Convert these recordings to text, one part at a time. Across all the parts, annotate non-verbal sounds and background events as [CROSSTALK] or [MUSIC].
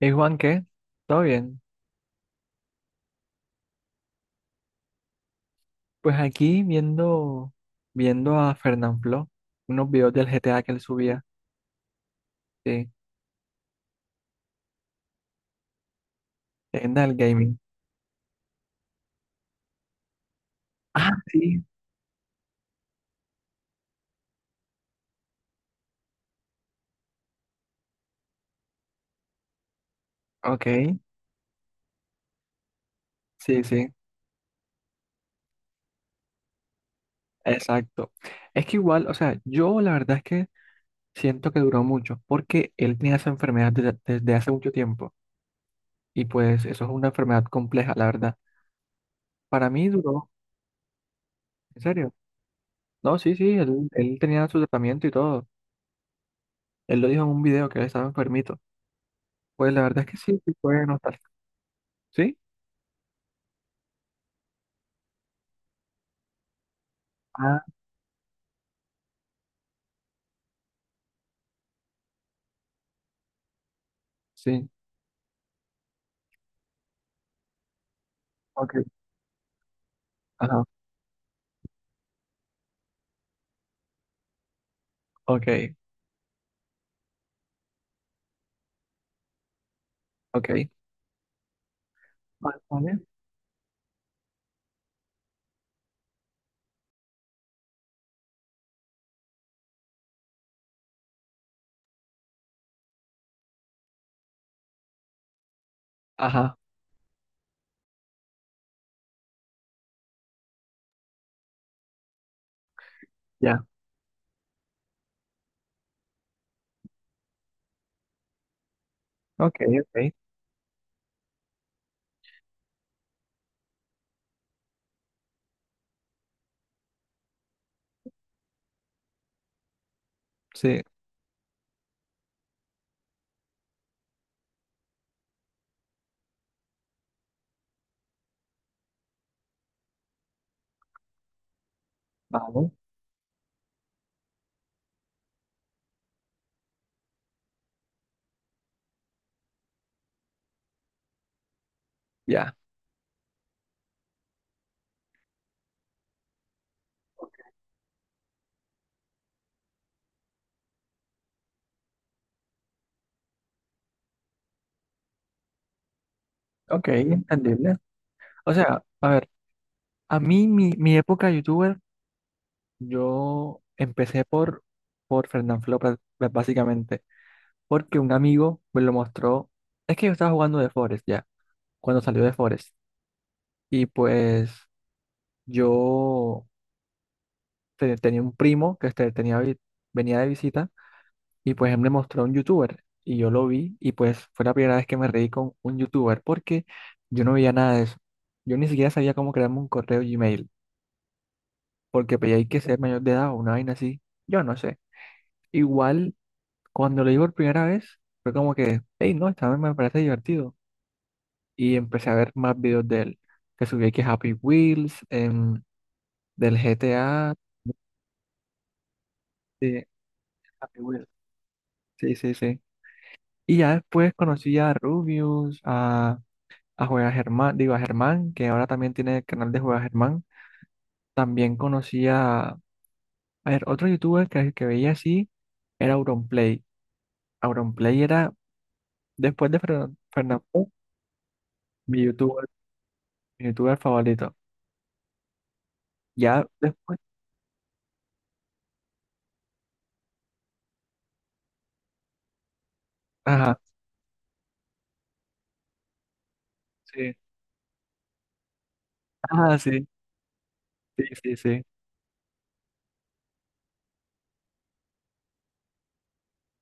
Hey Juan, ¿qué? ¿Todo bien? Pues aquí viendo a Fernanfloo, unos videos del GTA que él subía, sí, leyenda del gaming. Ah, sí, ok, sí, sí, exacto. Es que igual, o sea, yo la verdad es que siento que duró mucho, porque él tenía esa enfermedad desde hace mucho tiempo, y pues eso es una enfermedad compleja, la verdad. Para mí duró, en serio. No, sí, sí, él tenía su tratamiento y todo. Él lo dijo en un video que él estaba enfermito. Pues la verdad es que sí, sí fue nostálgico. ¿Sí? Ah, sí. Ok. Ajá. Ok. Ok. Vale, vale. Ajá. Ya. Ok, ok. Sí. Vale. Ya. Ok, entendible. O sea, a ver, a mí mi época youtuber, yo empecé por Fernanfloo básicamente, porque un amigo me lo mostró. Es que yo estaba jugando de Forest ya, cuando salió de Forest. Y pues yo tenía un primo que este, tenía, venía de visita. Y pues él me mostró a un youtuber y yo lo vi y pues fue la primera vez que me reí con un youtuber porque yo no veía nada de eso. Yo ni siquiera sabía cómo crearme un correo Gmail porque pues, hay que ser mayor de edad o una vaina así. Yo no sé. Igual cuando lo vi por primera vez fue como que, hey, no, esta vez me parece divertido. Y empecé a ver más videos de él que subí que Happy Wheels, del GTA, de Happy Wheels. Sí, sí, sí. Y ya después conocí a Rubius, a Juega Germán, digo a Germán, que ahora también tiene el canal de Juega Germán. También conocía, a ver, otro youtuber que veía así era Auronplay. Auronplay era, después de Fernando, mi youtuber, mi youtuber favorito. Ya después, ajá, sí, ajá, sí, sí, sí, sí.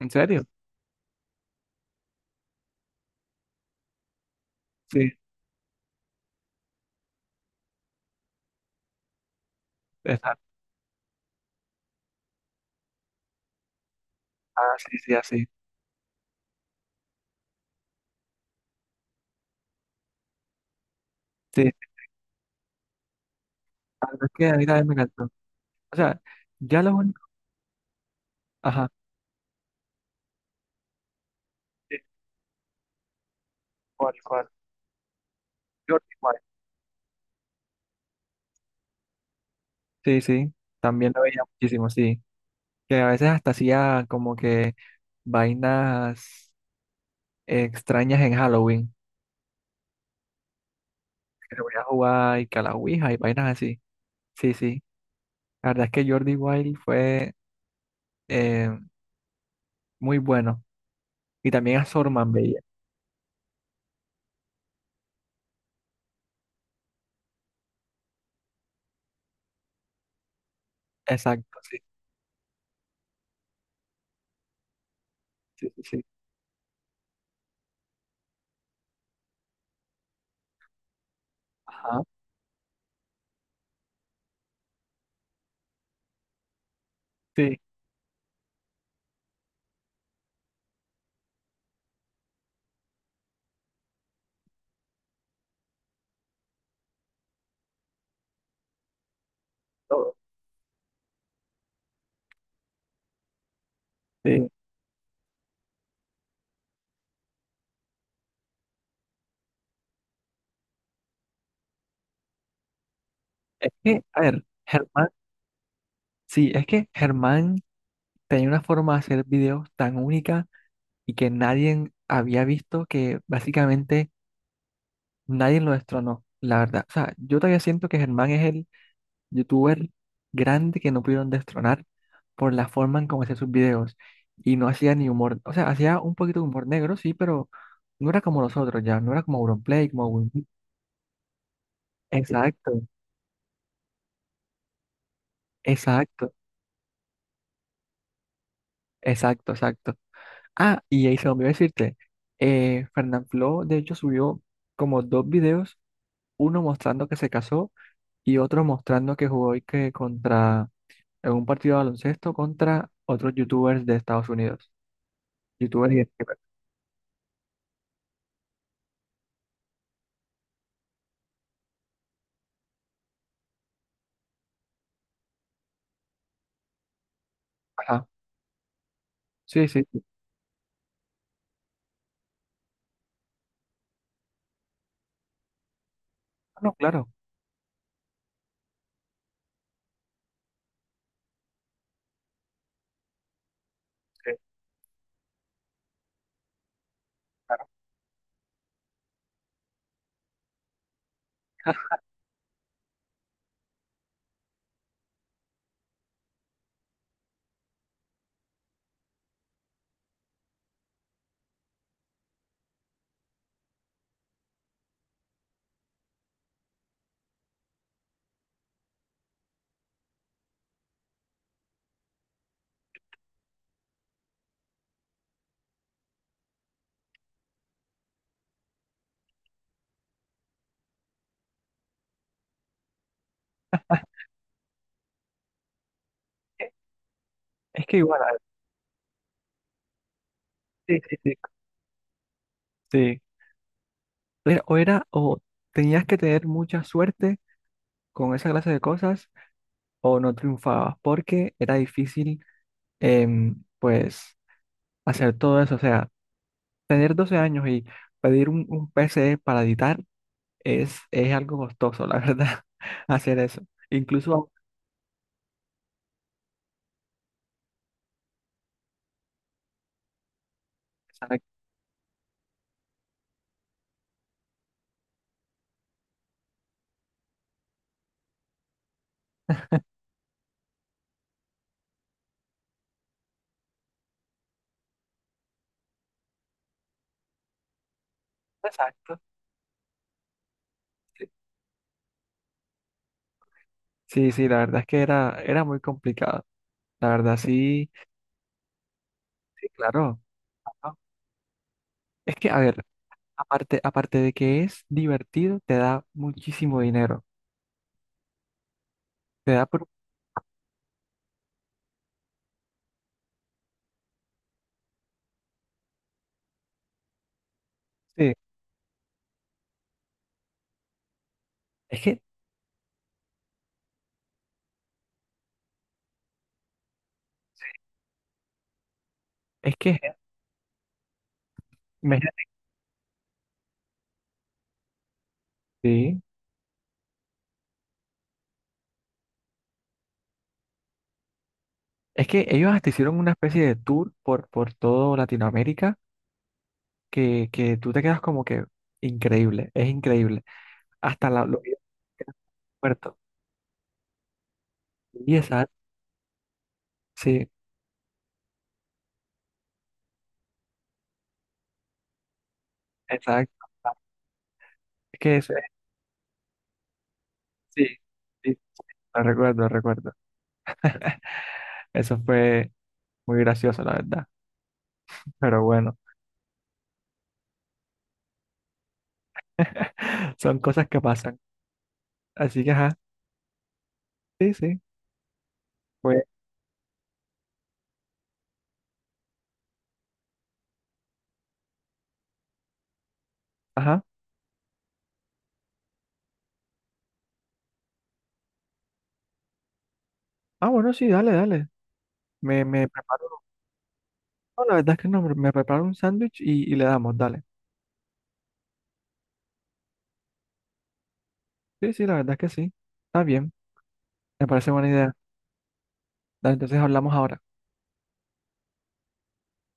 ¿En serio? Sí, exacto, ah, sí, sí, así, sí. La verdad es que a mí también me encantó. O sea, ya lo único, ajá, sí, cuál, cuál, Jordi Wild. Sí, sí, también lo veía muchísimo, sí. Que a veces hasta hacía como que vainas extrañas en Halloween, que se voy a jugar y que a la Ouija y vainas así. Sí, sí, la verdad es que Jordi Wild fue eh, muy bueno y también a Sorman veía. Exacto, sí, sí, sí, sí. Ajá, sí, todo, sí. Es que, a ver, Germán, sí, es que Germán tenía una forma de hacer videos tan única y que nadie había visto que básicamente nadie lo destronó, la verdad. O sea, yo todavía siento que Germán es el youtuber grande que no pudieron destronar por la forma en cómo hacía sus videos. Y no hacía ni humor, o sea, hacía un poquito de humor negro, sí, pero no era como nosotros ya, no era como Auronplay, como Win- Exacto, exacto, exacto, exacto. Ah, y ahí se me olvidó decirte, Fernanfloo, de hecho, subió como dos videos, uno mostrando que se casó y otro mostrando que jugó y que contra, en un partido de baloncesto contra otros youtubers de Estados Unidos. Youtubers y streamers. Ajá, sí, sí. No, claro. Sí, claro. [LAUGHS] Es que igual, ah, sí, sí, sí, sí. O era, o tenías que tener mucha suerte con esa clase de cosas, o no triunfabas, porque era difícil, pues, hacer todo eso. O sea, tener 12 años y pedir un PC para editar es algo costoso, la verdad, [LAUGHS] hacer eso. Incluso, exacto. Exacto. Sí, sí, la verdad es que era muy complicado. La verdad, sí, sí, claro. Es que, a ver, aparte de que es divertido, te da muchísimo dinero. Te da por. Sí. Es que, es que, imagínate, sí. Es que ellos hasta hicieron una especie de tour por todo Latinoamérica que tú te quedas como que increíble, es increíble. Hasta la, los puertos. Y exacto, sí, exacto. Es que eso es, sí, sí, lo recuerdo, lo recuerdo. Eso fue muy gracioso, la verdad. Pero bueno, [LAUGHS] son cosas que pasan. Así que, ajá, sí, sí, fue, ajá. Ah, bueno, sí, dale, dale. Me preparo. No, la verdad es que no, me preparo un sándwich y le damos, dale. Sí, sí, la verdad es que sí. Está bien, me parece buena idea. Dale, entonces hablamos ahora.